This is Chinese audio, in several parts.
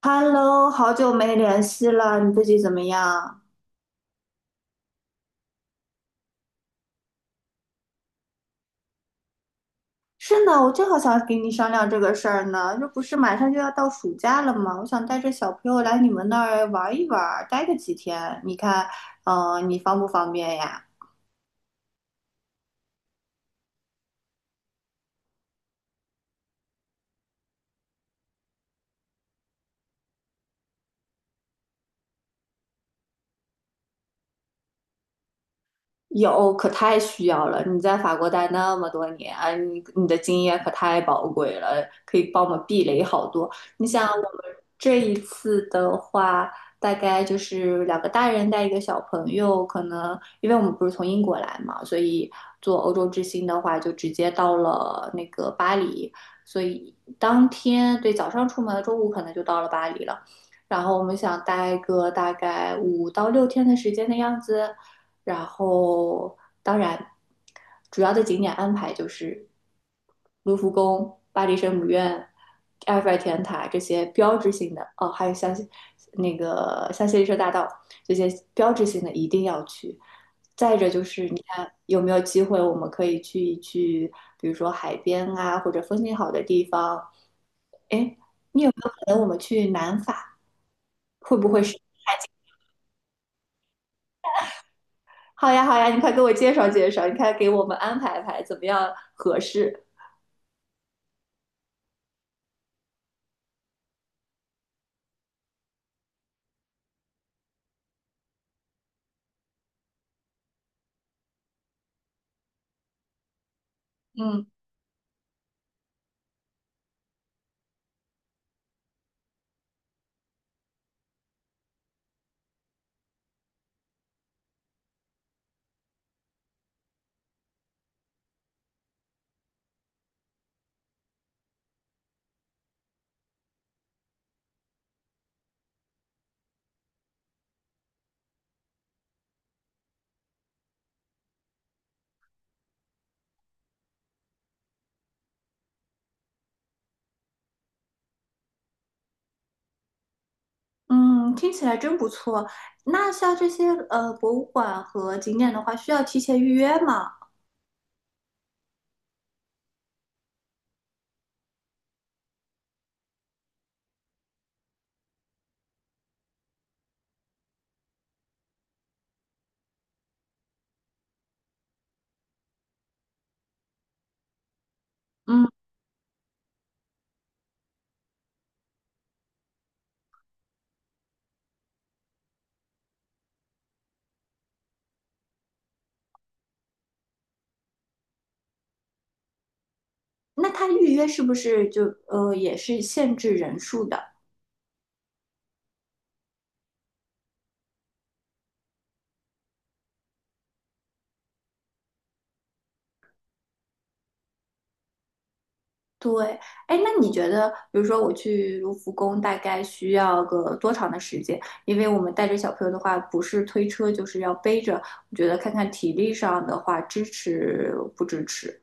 Hello，好久没联系了，你最近怎么样？是呢，我正好想跟你商量这个事儿呢。这不是马上就要到暑假了吗？我想带着小朋友来你们那儿玩一玩，待个几天。你看，你方不方便呀？有，可太需要了。你在法国待那么多年，你的经验可太宝贵了，可以帮我们避雷好多。你想，我们这一次的话，大概就是两个大人带一个小朋友，可能因为我们不是从英国来嘛，所以做欧洲之星的话，就直接到了那个巴黎，所以当天对早上出门，中午可能就到了巴黎了。然后我们想待个大概5到6天的时间的样子。然后当然主要的景点安排就是卢浮宫、巴黎圣母院、埃菲尔铁塔这些标志性的哦，还有那个香榭丽舍大道这些标志性的一定要去。再者就是，你看有没有机会，我们可以去一去，比如说海边啊，或者风景好的地方。哎，你有没有可能我们去南法？会不会是？好呀，好呀，你快给我介绍介绍，你快给我们安排安排，怎么样合适？嗯嗯，听起来真不错。那像这些博物馆和景点的话，需要提前预约吗？嗯，那它预约是不是就也是限制人数的？对，哎，那你觉得，比如说我去卢浮宫，大概需要个多长的时间？因为我们带着小朋友的话，不是推车就是要背着，我觉得看看体力上的话，支持不支持？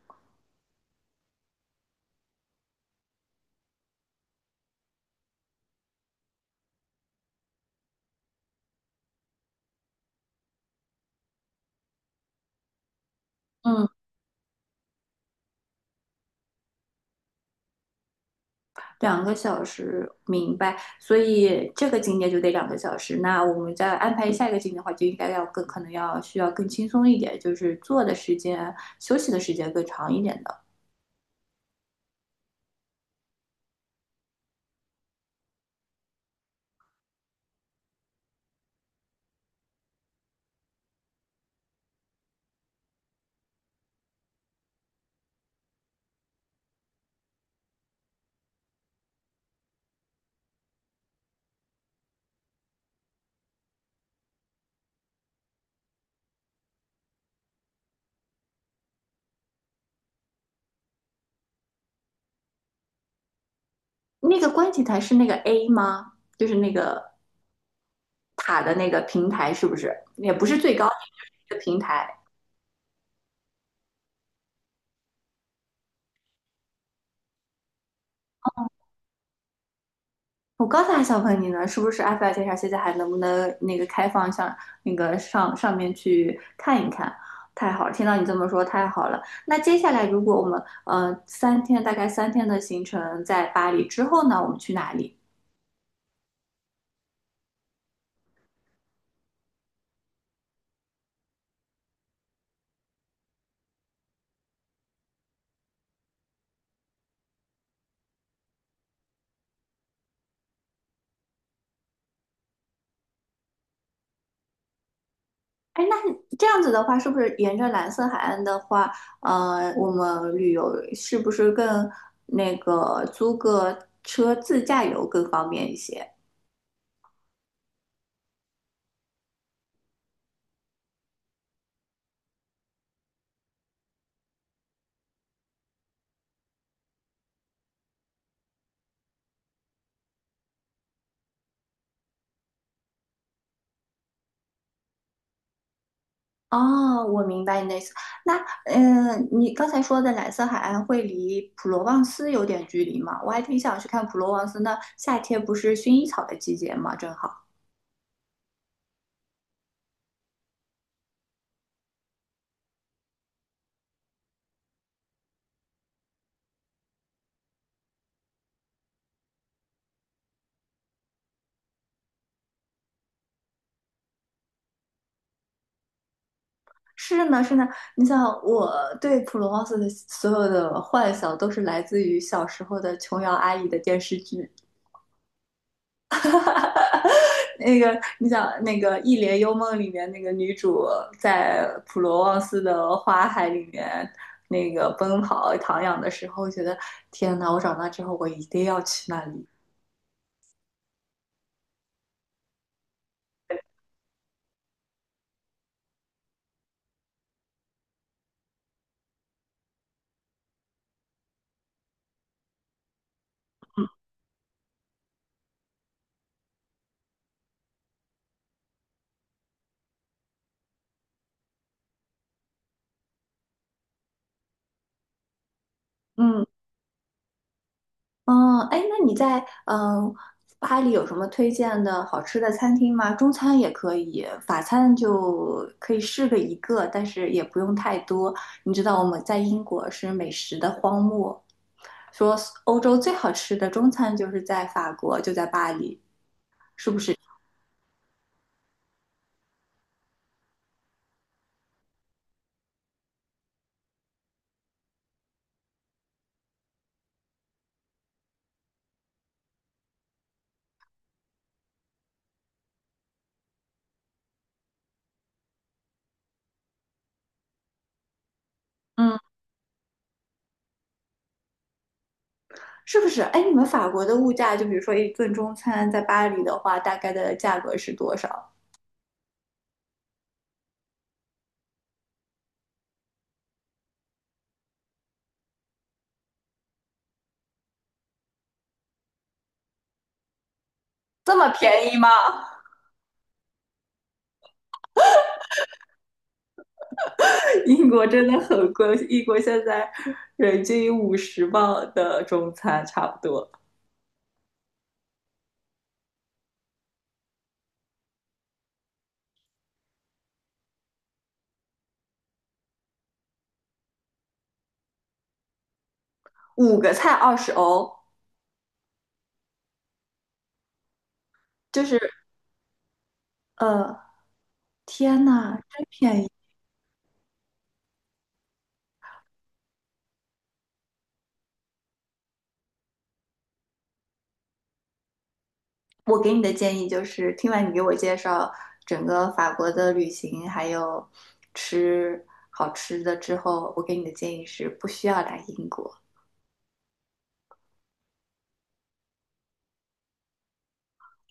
嗯。两个小时，明白。所以这个景点就得两个小时。那我们再安排下一个景点的话，就应该要更可能要需要更轻松一点，就是坐的时间、休息的时间更长一点的。那个观景台是那个 A 吗？就是那个塔的那个平台是不是？也不是最高点，就是一个平台。我刚才还想问你呢，是不是埃菲尔铁塔现在还能不能开放上面去看一看？太好了，听到你这么说太好了。那接下来如果我们呃三天大概三天的行程在巴黎之后呢，我们去哪里？哎，那这样子的话，是不是沿着蓝色海岸的话，我们旅游是不是更租个车自驾游更方便一些？哦，我明白你的意思。那，你刚才说的蓝色海岸会离普罗旺斯有点距离吗？我还挺想去看普罗旺斯那夏天不是薰衣草的季节吗？正好。是呢，是呢。你想，我对普罗旺斯的所有的幻想都是来自于小时候的琼瑶阿姨的电视剧。哈哈，那个，你想那个《一帘幽梦》里面那个女主在普罗旺斯的花海里面那个奔跑徜徉的时候，觉得天呐，我长大之后我一定要去那里。嗯，嗯，哎，那你在巴黎有什么推荐的好吃的餐厅吗？中餐也可以，法餐就可以试个一个，但是也不用太多。你知道我们在英国是美食的荒漠，说欧洲最好吃的中餐就是在法国，就在巴黎，是不是？嗯，是不是？哎，你们法国的物价，就比如说一顿中餐在巴黎的话，大概的价格是多少？这么便宜吗？英国真的很贵，英国现在人均50磅的中餐差不多，五个菜20欧，就是呃，天呐，真便宜！我给你的建议就是，听完你给我介绍整个法国的旅行，还有吃好吃的之后，我给你的建议是不需要来英国。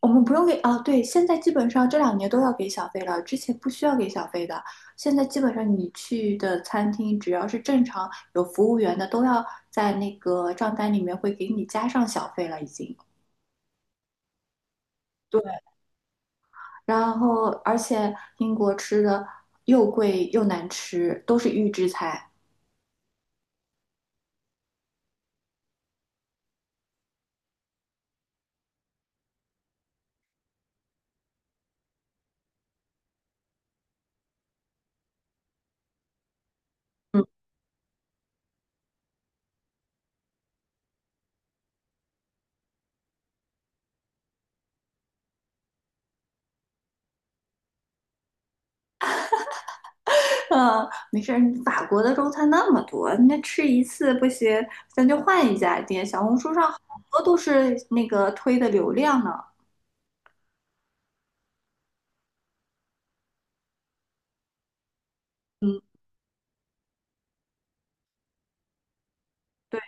我们不用给啊，对，现在基本上这两年都要给小费了，之前不需要给小费的。现在基本上你去的餐厅，只要是正常有服务员的，都要在那个账单里面会给你加上小费了，已经。对，然后，而且英国吃的又贵又难吃，都是预制菜。嗯，嗯，没事儿，法国的中餐那么多，那吃一次不行，咱就换一家店。小红书上好多都是那个推的流量呢。嗯。对。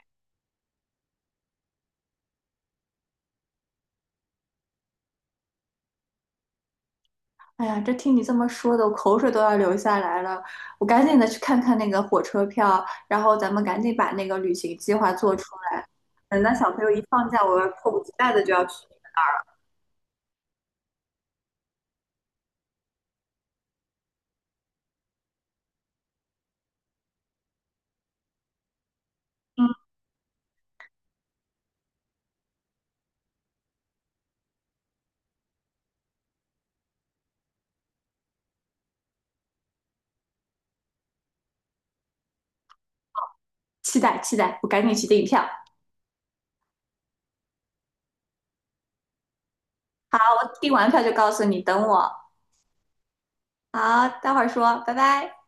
哎呀，这听你这么说的，我口水都要流下来了。我赶紧的去看看那个火车票，然后咱们赶紧把那个旅行计划做出来。等到小朋友一放假，我迫不及待的就要去。嗯，期待期待，我赶紧去订票。好，我订完票就告诉你，等我。好，待会儿说，拜拜。